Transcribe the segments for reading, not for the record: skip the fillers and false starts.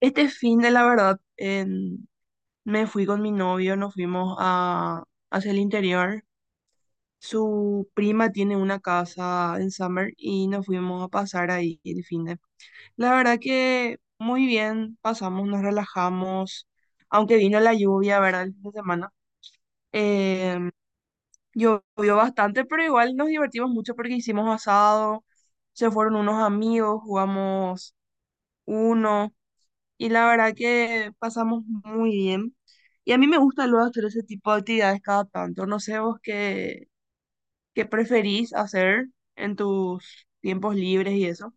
Este fin de la verdad, me fui con mi novio, nos fuimos a, hacia el interior. Su prima tiene una casa en Summer y nos fuimos a pasar ahí el fin de. La verdad que muy bien, pasamos, nos relajamos, aunque vino la lluvia, ¿verdad? El fin de semana. Em, Llovió bastante, pero igual nos divertimos mucho porque hicimos asado, se fueron unos amigos, jugamos uno. Y la verdad que pasamos muy bien. Y a mí me gusta luego hacer ese tipo de actividades cada tanto. No sé vos qué, qué preferís hacer en tus tiempos libres y eso.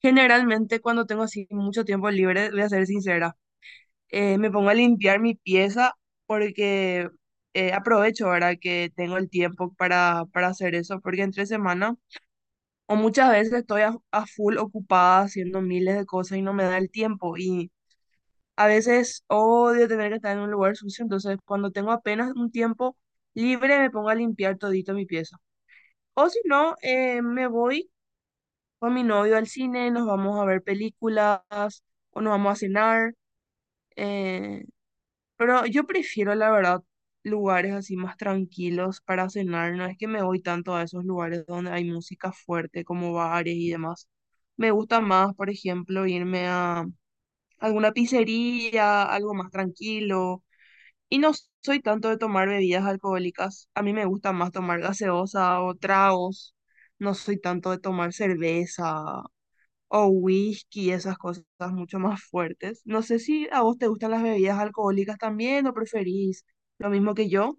Generalmente cuando tengo así mucho tiempo libre, voy a ser sincera, me pongo a limpiar mi pieza porque aprovecho ahora que tengo el tiempo para hacer eso, porque entre semana o muchas veces estoy a full ocupada haciendo miles de cosas y no me da el tiempo. Y a veces odio tener que estar en un lugar sucio, entonces cuando tengo apenas un tiempo libre me pongo a limpiar todito mi pieza. O si no, me voy con mi novio al cine, nos vamos a ver películas o nos vamos a cenar. eh, pero yo prefiero, la verdad, lugares así más tranquilos para cenar. No es que me voy tanto a esos lugares donde hay música fuerte como bares y demás. Me gusta más, por ejemplo, irme a alguna pizzería, algo más tranquilo. Y no soy tanto de tomar bebidas alcohólicas. A mí me gusta más tomar gaseosa o tragos. No soy tanto de tomar cerveza o whisky, esas cosas mucho más fuertes. No sé si a vos te gustan las bebidas alcohólicas también o preferís lo mismo que yo.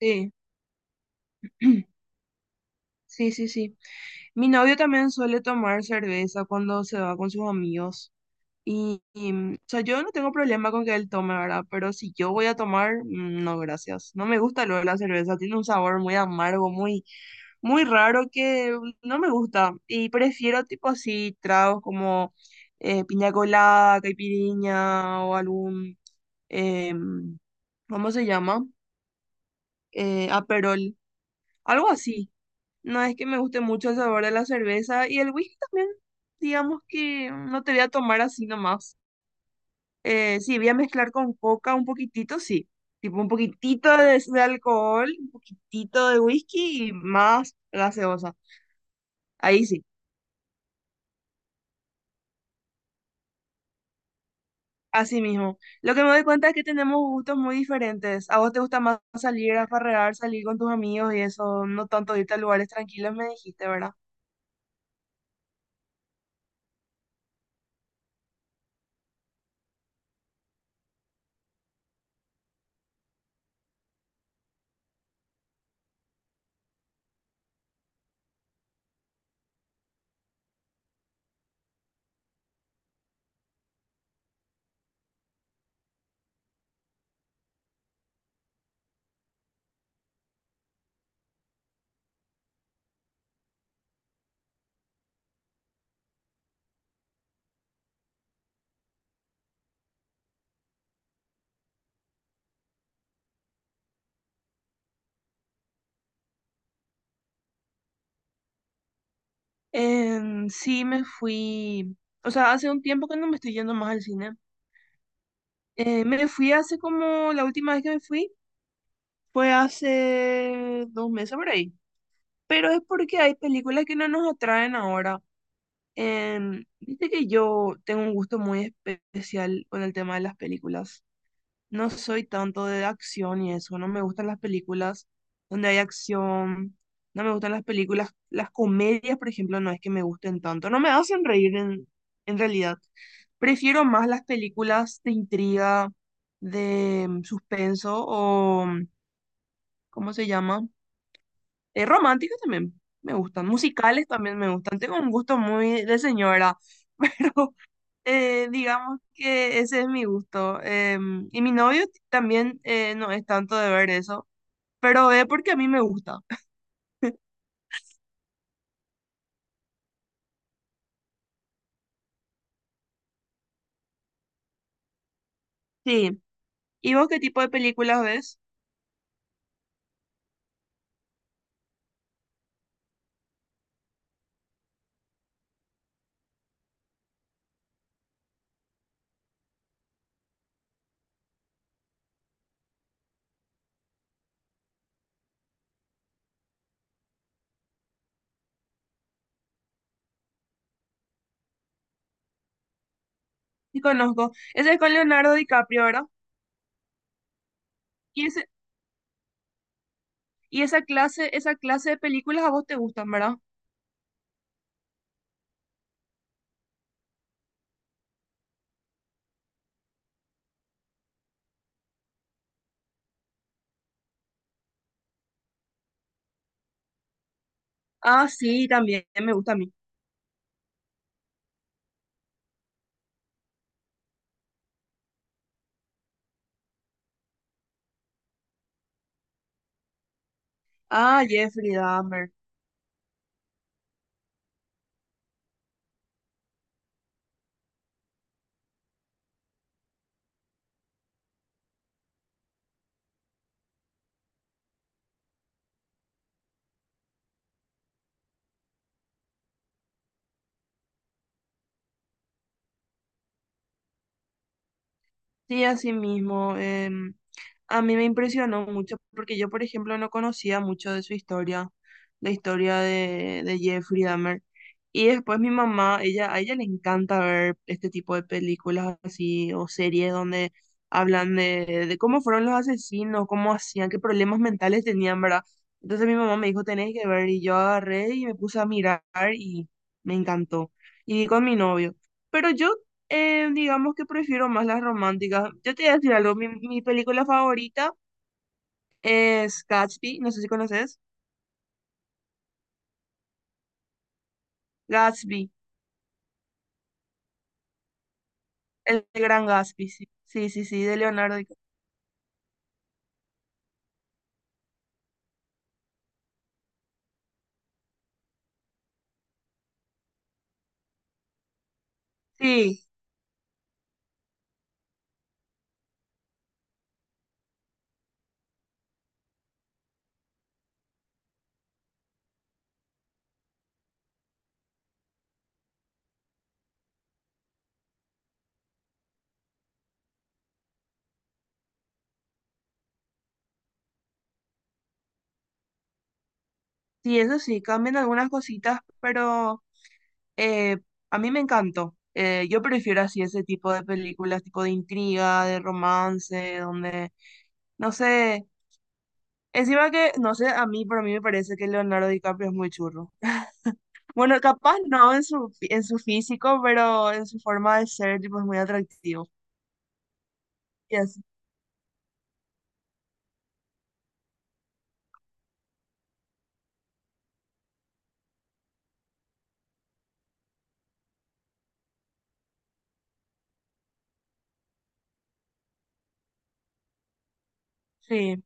Sí, sí. Mi novio también suele tomar cerveza cuando se va con sus amigos. O sea, yo no tengo problema con que él tome, ¿verdad? Pero si yo voy a tomar, mm, no, gracias. No me gusta luego la cerveza, tiene un sabor muy amargo, muy raro que no me gusta. Y prefiero tipo así tragos como piña colada, caipirinha o algún, em, ¿cómo se llama? Aperol, algo así. No es que me guste mucho el sabor de la cerveza y el whisky también, digamos que no te voy a tomar así nomás. Sí, voy a mezclar con coca un poquitito, sí. Tipo un poquitito de alcohol, un poquitito de whisky y más gaseosa. Ahí sí, así mismo. Lo que me doy cuenta es que tenemos gustos muy diferentes. A vos te gusta más salir a farrear, salir con tus amigos y eso, no tanto irte a lugares tranquilos, me dijiste, ¿verdad? Sí, me fui. O sea, hace un tiempo que no me estoy yendo más al cine. Me fui hace como, la última vez que me fui fue hace dos meses por ahí. Pero es porque hay películas que no nos atraen ahora. Viste que yo tengo un gusto muy especial con el tema de las películas. No soy tanto de acción y eso, no me gustan las películas donde hay acción, no me gustan las películas, las comedias, por ejemplo, no es que me gusten tanto, no me hacen reír en realidad. Prefiero más las películas de intriga, de mm, suspenso o, mm, ¿cómo se llama? Románticos también me gustan, musicales también me gustan. Tengo un gusto muy de señora, pero digamos que ese es mi gusto. Y mi novio también no es tanto de ver eso, pero ve porque a mí me gusta. Sí. ¿Y vos qué tipo de películas ves? Y conozco. Ese es con Leonardo DiCaprio, ¿verdad? Y ese, esa clase de películas a vos te gustan, ¿verdad? Ah, sí, también me gusta a mí. Ah, Jeffrey Dahmer. Sí, así mismo. A mí me impresionó mucho porque yo, por ejemplo, no conocía mucho de su historia, la historia de Jeffrey Dahmer. Y después mi mamá, ella, a ella le encanta ver este tipo de películas así o series donde hablan de cómo fueron los asesinos, cómo hacían, qué problemas mentales tenían, ¿verdad? Entonces mi mamá me dijo, tenés que ver, y yo agarré y me puse a mirar y me encantó. Y vi con mi novio. Pero yo digamos que prefiero más las románticas. Yo te voy a decir algo, mi película favorita es Gatsby, no sé si conoces. Gatsby, el gran Gatsby, sí, sí, sí, sí, de Leonardo DiCaprio. Sí, sí, eso sí, cambian algunas cositas, pero eh, a mí me encantó. Yo prefiero así ese tipo de películas, tipo de intriga, de romance, donde, no sé, encima que, no sé, a mí, por mí me parece que Leonardo DiCaprio es muy churro. Bueno, capaz no en su, en su físico, pero en su forma de ser, tipo, es muy atractivo. Y así. Sí,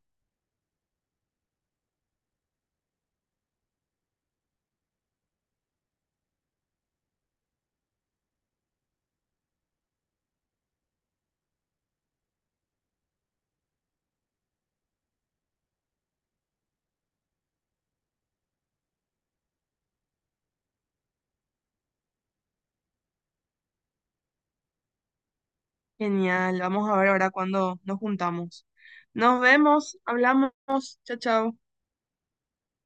genial. Vamos a ver ahora cuando nos juntamos. Nos vemos, hablamos. Chao, chao.